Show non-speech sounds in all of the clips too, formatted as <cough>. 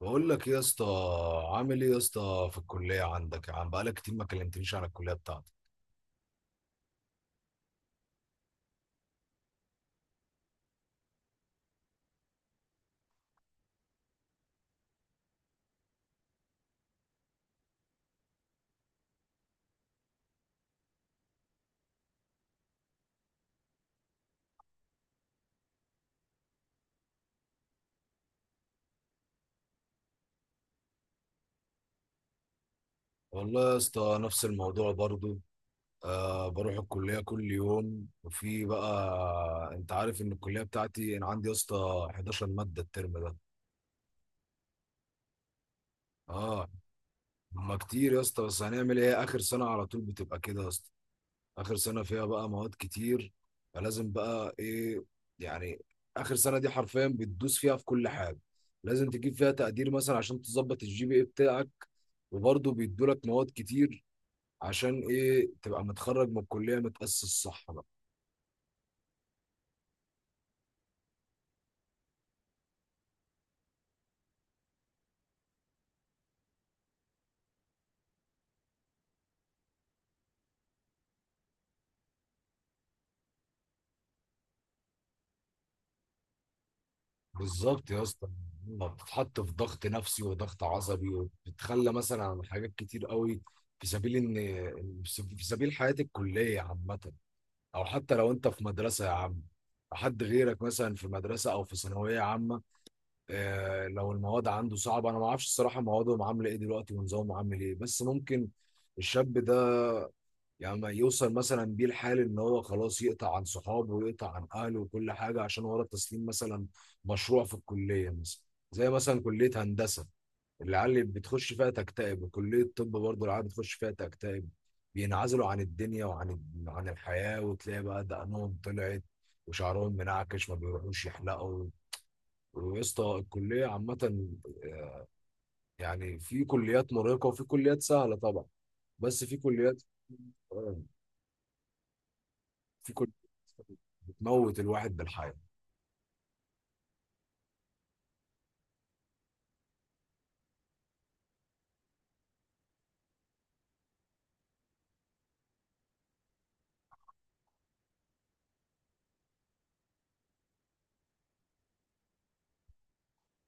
بقول لك إيه يا اسطى؟ عامل ايه يا اسطى في الكليه عندك؟ يا عم بقالك كتير ما كلمتنيش عن الكليه بتاعتك. والله يا اسطى نفس الموضوع برضو. آه، بروح الكليه كل يوم، وفي بقى انت عارف ان الكليه بتاعتي، انا عندي يا اسطى 11 ماده الترم ده. اه، هما كتير يا اسطى، بس هنعمل ايه، اخر سنه على طول بتبقى كده يا اسطى. اخر سنه فيها بقى مواد كتير، فلازم بقى ايه يعني. اخر سنه دي حرفيا بتدوس فيها في كل حاجه، لازم تجيب فيها تقدير مثلا عشان تظبط الجي بي اي بتاعك، وبرضه بيدولك مواد كتير عشان ايه، تبقى متخرج من الكليه متاسس صح بقى. بالظبط يا اسطى، ما بتتحط في ضغط نفسي وضغط عصبي، وبتتخلى مثلا عن حاجات كتير قوي، في سبيل ان في سبيل حياه الكليه عامه، او حتى لو انت في مدرسه يا عم، حد غيرك مثلا في مدرسه او في ثانويه عامه. آه لو المواد عنده صعبه، انا ما اعرفش الصراحه موادهم عامله ايه دلوقتي ونظامهم عامل ايه، بس ممكن الشاب ده يعني ما يوصل مثلا بيه الحال ان هو خلاص يقطع عن صحابه ويقطع عن اهله وكل حاجه عشان ورا تسليم مثلا مشروع في الكليه مثلا. زي مثلا كليه هندسه، العيال بتخش فيها تكتئب، كلية الطب برضه العيال بتخش فيها تكتئب، بينعزلوا عن الدنيا وعن الحياة، وتلاقي بقى دقنهم طلعت وشعرهم منعكش ما بيروحوش يحلقوا. ويا اسطى، الكلية عامة، يعني في كليات مرهقة وفي كليات سهلة طبعا، بس في كليات، آه، في كليات بتموت الواحد بالحياة.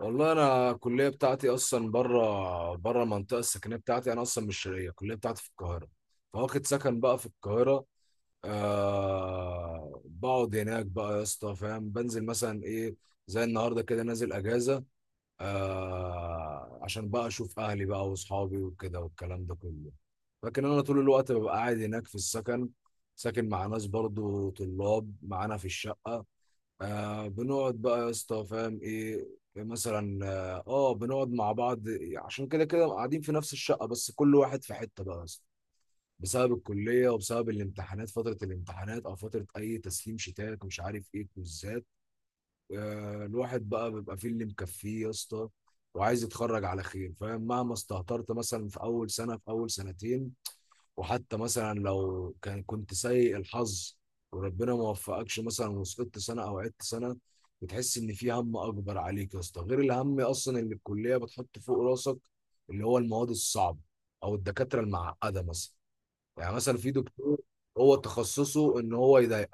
والله انا الكلية بتاعتي اصلا بره بره المنطقة السكنية بتاعتي، انا اصلا مش شرقية، الكلية بتاعتي في القاهرة، فواخد سكن بقى في القاهرة. آه بقعد هناك بقى يا اسطى، فاهم، بنزل مثلا ايه، زي النهارده كده، نازل اجازه. آه، عشان بقى اشوف اهلي بقى واصحابي وكده والكلام ده كله. لكن انا طول الوقت ببقى قاعد هناك في السكن، ساكن مع ناس برضو طلاب معانا في الشقه. آه بنقعد بقى يا اسطى، فاهم ايه، مثلا بنقعد مع بعض، عشان كده كده قاعدين في نفس الشقه، بس كل واحد في حته بقى يا اسطى بسبب الكليه وبسبب الامتحانات، فتره الامتحانات او فتره اي تسليم، شتات ومش عارف ايه، كويزات. آه، الواحد بقى بيبقى فيه اللي مكفيه يا اسطى، وعايز يتخرج على خير، فاهم، مهما استهترت مثلا في اول سنه، في اول سنتين، وحتى مثلا لو كان كنت سيء الحظ، وربنا ما وفقكش مثلا وسقطت سنه او عدت سنه، بتحس ان في هم اكبر عليك يا اسطى، غير الهم اصلا اللي الكليه بتحط فوق راسك، اللي هو المواد الصعبه او الدكاتره المعقده مثلا. يعني مثلا في دكتور هو تخصصه ان هو يضايق،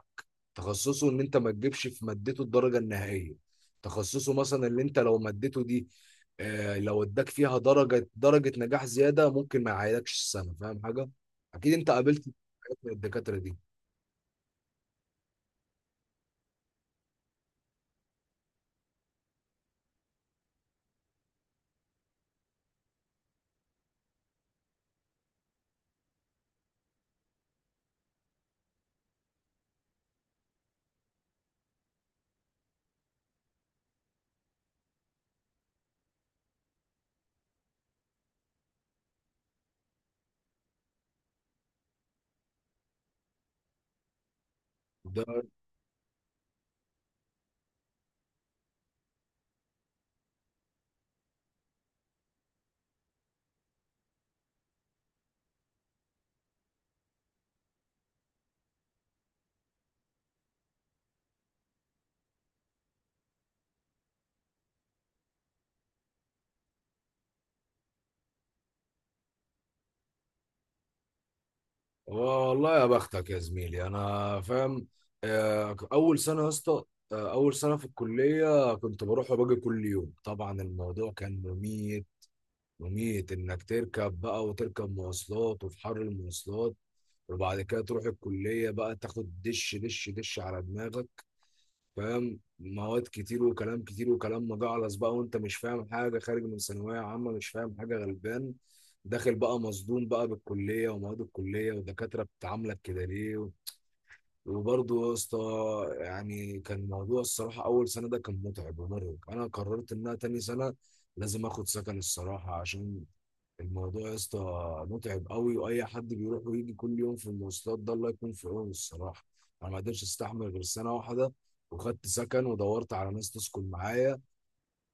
تخصصه ان انت ما تجيبش في مادته الدرجه النهائيه، تخصصه مثلا اللي انت لو مادته دي، آه لو اداك فيها درجه، درجه نجاح زياده ممكن ما يعيدكش السنه، فاهم حاجه. اكيد انت قابلت حاجات من الدكاتره دي. ده والله يا بختك يا زميلي، انا فاهم. آه، اول سنه يا اسطى آه، اول سنه في الكليه كنت بروح وباجي كل يوم، طبعا الموضوع كان مميت. مميت انك تركب بقى وتركب مواصلات وفي حر المواصلات، وبعد كده تروح الكلية بقى تاخد دش دش دش على دماغك، فاهم، مواد كتير وكلام كتير وكلام مجعلص بقى، وانت مش فاهم حاجة، خارج من ثانوية عامة مش فاهم حاجة، غلبان، داخل بقى مصدوم بقى بالكلية ومواد الكلية، ودكاترة بتعاملك كده ليه، وبرضه يا اسطى. يعني كان موضوع الصراحة، أول سنة ده كان متعب ومرهق، أنا قررت إنها تاني سنة لازم آخد سكن الصراحة، عشان الموضوع يا اسطى متعب قوي، واي حد بيروح ويجي كل يوم في المواصلات ده الله يكون في عونه الصراحه. انا ما قدرتش استحمل غير سنه واحده، وخدت سكن ودورت على ناس تسكن معايا،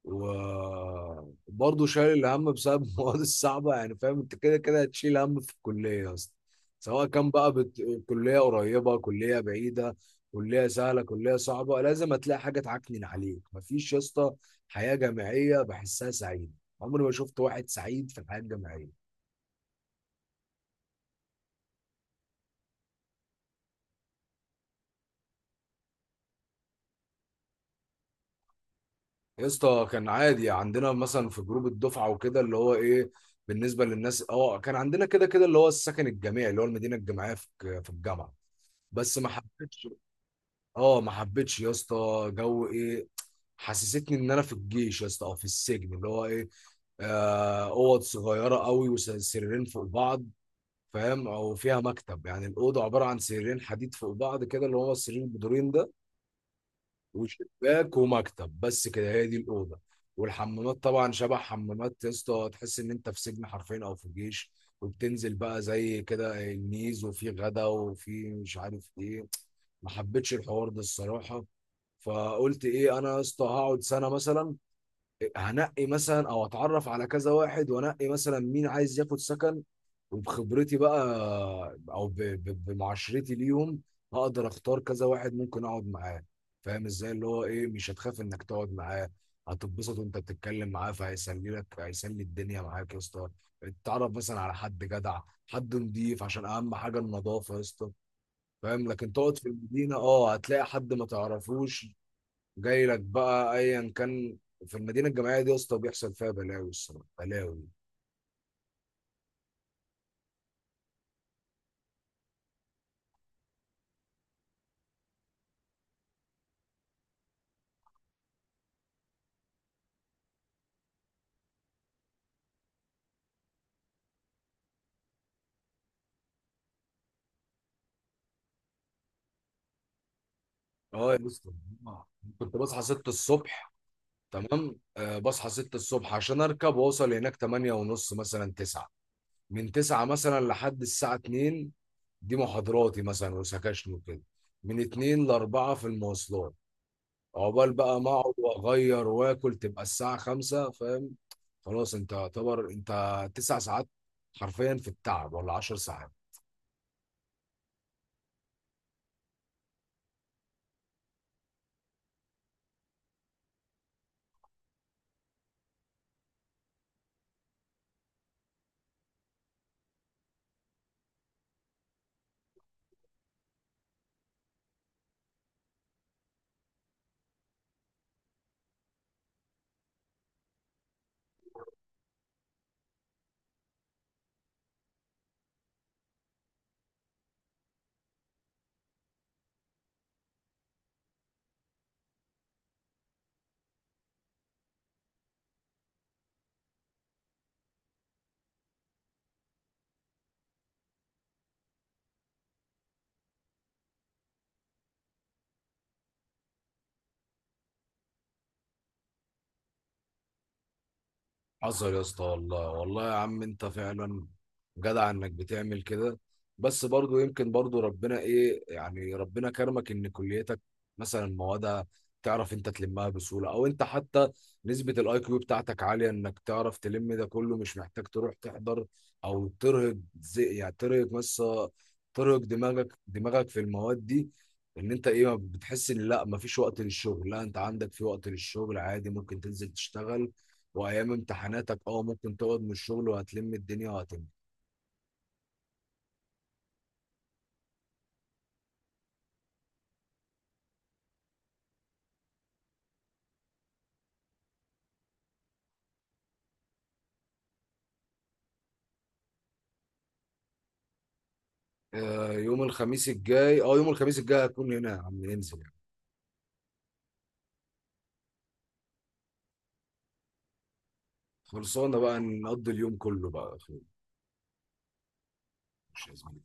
وبرضه شايل الهم بسبب <laughs> المواد الصعبه، يعني فاهم، انت كده كده هتشيل هم في الكليه يا اسطى، سواء كان بقى كليه قريبه كليه بعيده، كليه سهله كليه صعبه، لازم هتلاقي حاجه تعكنن عليك، مفيش يا اسطى حياه جامعيه بحسها سعيده، عمري ما شفت واحد سعيد في الحياه الجامعيه. يا اسطى كان عادي عندنا مثلا في جروب الدفعه وكده، اللي هو ايه، بالنسبه للناس، اه كان عندنا كده كده اللي هو السكن الجامعي، اللي هو المدينه الجامعيه في في الجامعه، بس ما حبيتش. اه ما حبيتش يا اسطى جو ايه، حسستني ان انا في الجيش يا اسطى او في السجن، اللي هو ايه، آه، اوض صغيره قوي وسريرين فوق بعض، فاهم، او فيها مكتب، يعني الاوضه عباره عن سريرين حديد فوق بعض كده، اللي هو السرير البدورين ده، وشباك ومكتب بس كده، هي دي الاوضه. والحمامات طبعا شبه حمامات يا اسطى، تحس ان انت في سجن حرفيا او في الجيش، وبتنزل بقى زي كده الميز وفي غدا وفي مش عارف ايه، ما حبيتش الحوار ده الصراحه. فقلت ايه، انا يا اسطى هقعد سنه مثلا، هنقي مثلا او اتعرف على كذا واحد، وانقي مثلا مين عايز ياخد سكن، وبخبرتي بقى، او بمعاشرتي ليهم، هقدر اختار كذا واحد ممكن اقعد معاه، فاهم ازاي، اللي هو ايه، مش هتخاف انك تقعد معاه، هتتبسط وانت بتتكلم معاه، فهيسلي لك، هيسلي الدنيا معاك يا اسطى، اتعرف مثلا على حد جدع، حد نضيف، عشان اهم حاجه النظافه يا اسطى، فاهم، لكن تقعد في المدينه، اه هتلاقي حد ما تعرفوش جاي لك بقى ايا كان، في المدينه الجامعيه دي يا اسطى بيحصل فيها بلاوي الصراحه، بلاوي. اه يا اسطى. آه. كنت بصحى 6 الصبح، تمام، آه بصحى 6 الصبح عشان اركب واوصل هناك 8 ونص مثلا 9، من 9 مثلا لحد الساعه 2 دي محاضراتي مثلا وسكاشن وكده، من 2 ل 4 في المواصلات، عقبال بقى ما اقعد واغير واكل تبقى الساعه 5، فاهم، خلاص انت يعتبر انت 9 ساعات حرفيا في التعب ولا 10 ساعات. حصل يا اسطى، والله والله يا عم انت فعلا جدع انك بتعمل كده، بس برضو يمكن برضو ربنا ايه يعني، ربنا كرمك ان كليتك مثلا موادها تعرف انت تلمها بسهولة، او انت حتى نسبة الاي كيو بتاعتك عالية انك تعرف تلم ده كله، مش محتاج تروح تحضر، او ترهق زي يعني ترهق، بس ترهق دماغك في المواد دي، ان انت ايه بتحس ان لا مفيش وقت للشغل، لا انت عندك في وقت للشغل عادي، ممكن تنزل تشتغل، وايام امتحاناتك اه ممكن تقعد من الشغل وهتلم الدنيا وهتنجح. آه، يوم الخميس الجاي، اه يوم الخميس الجاي هكون هنا يا عم، ننزل يعني. خلصانه بقى، نقضي اليوم كله بقى يا اخوي. مش لازم.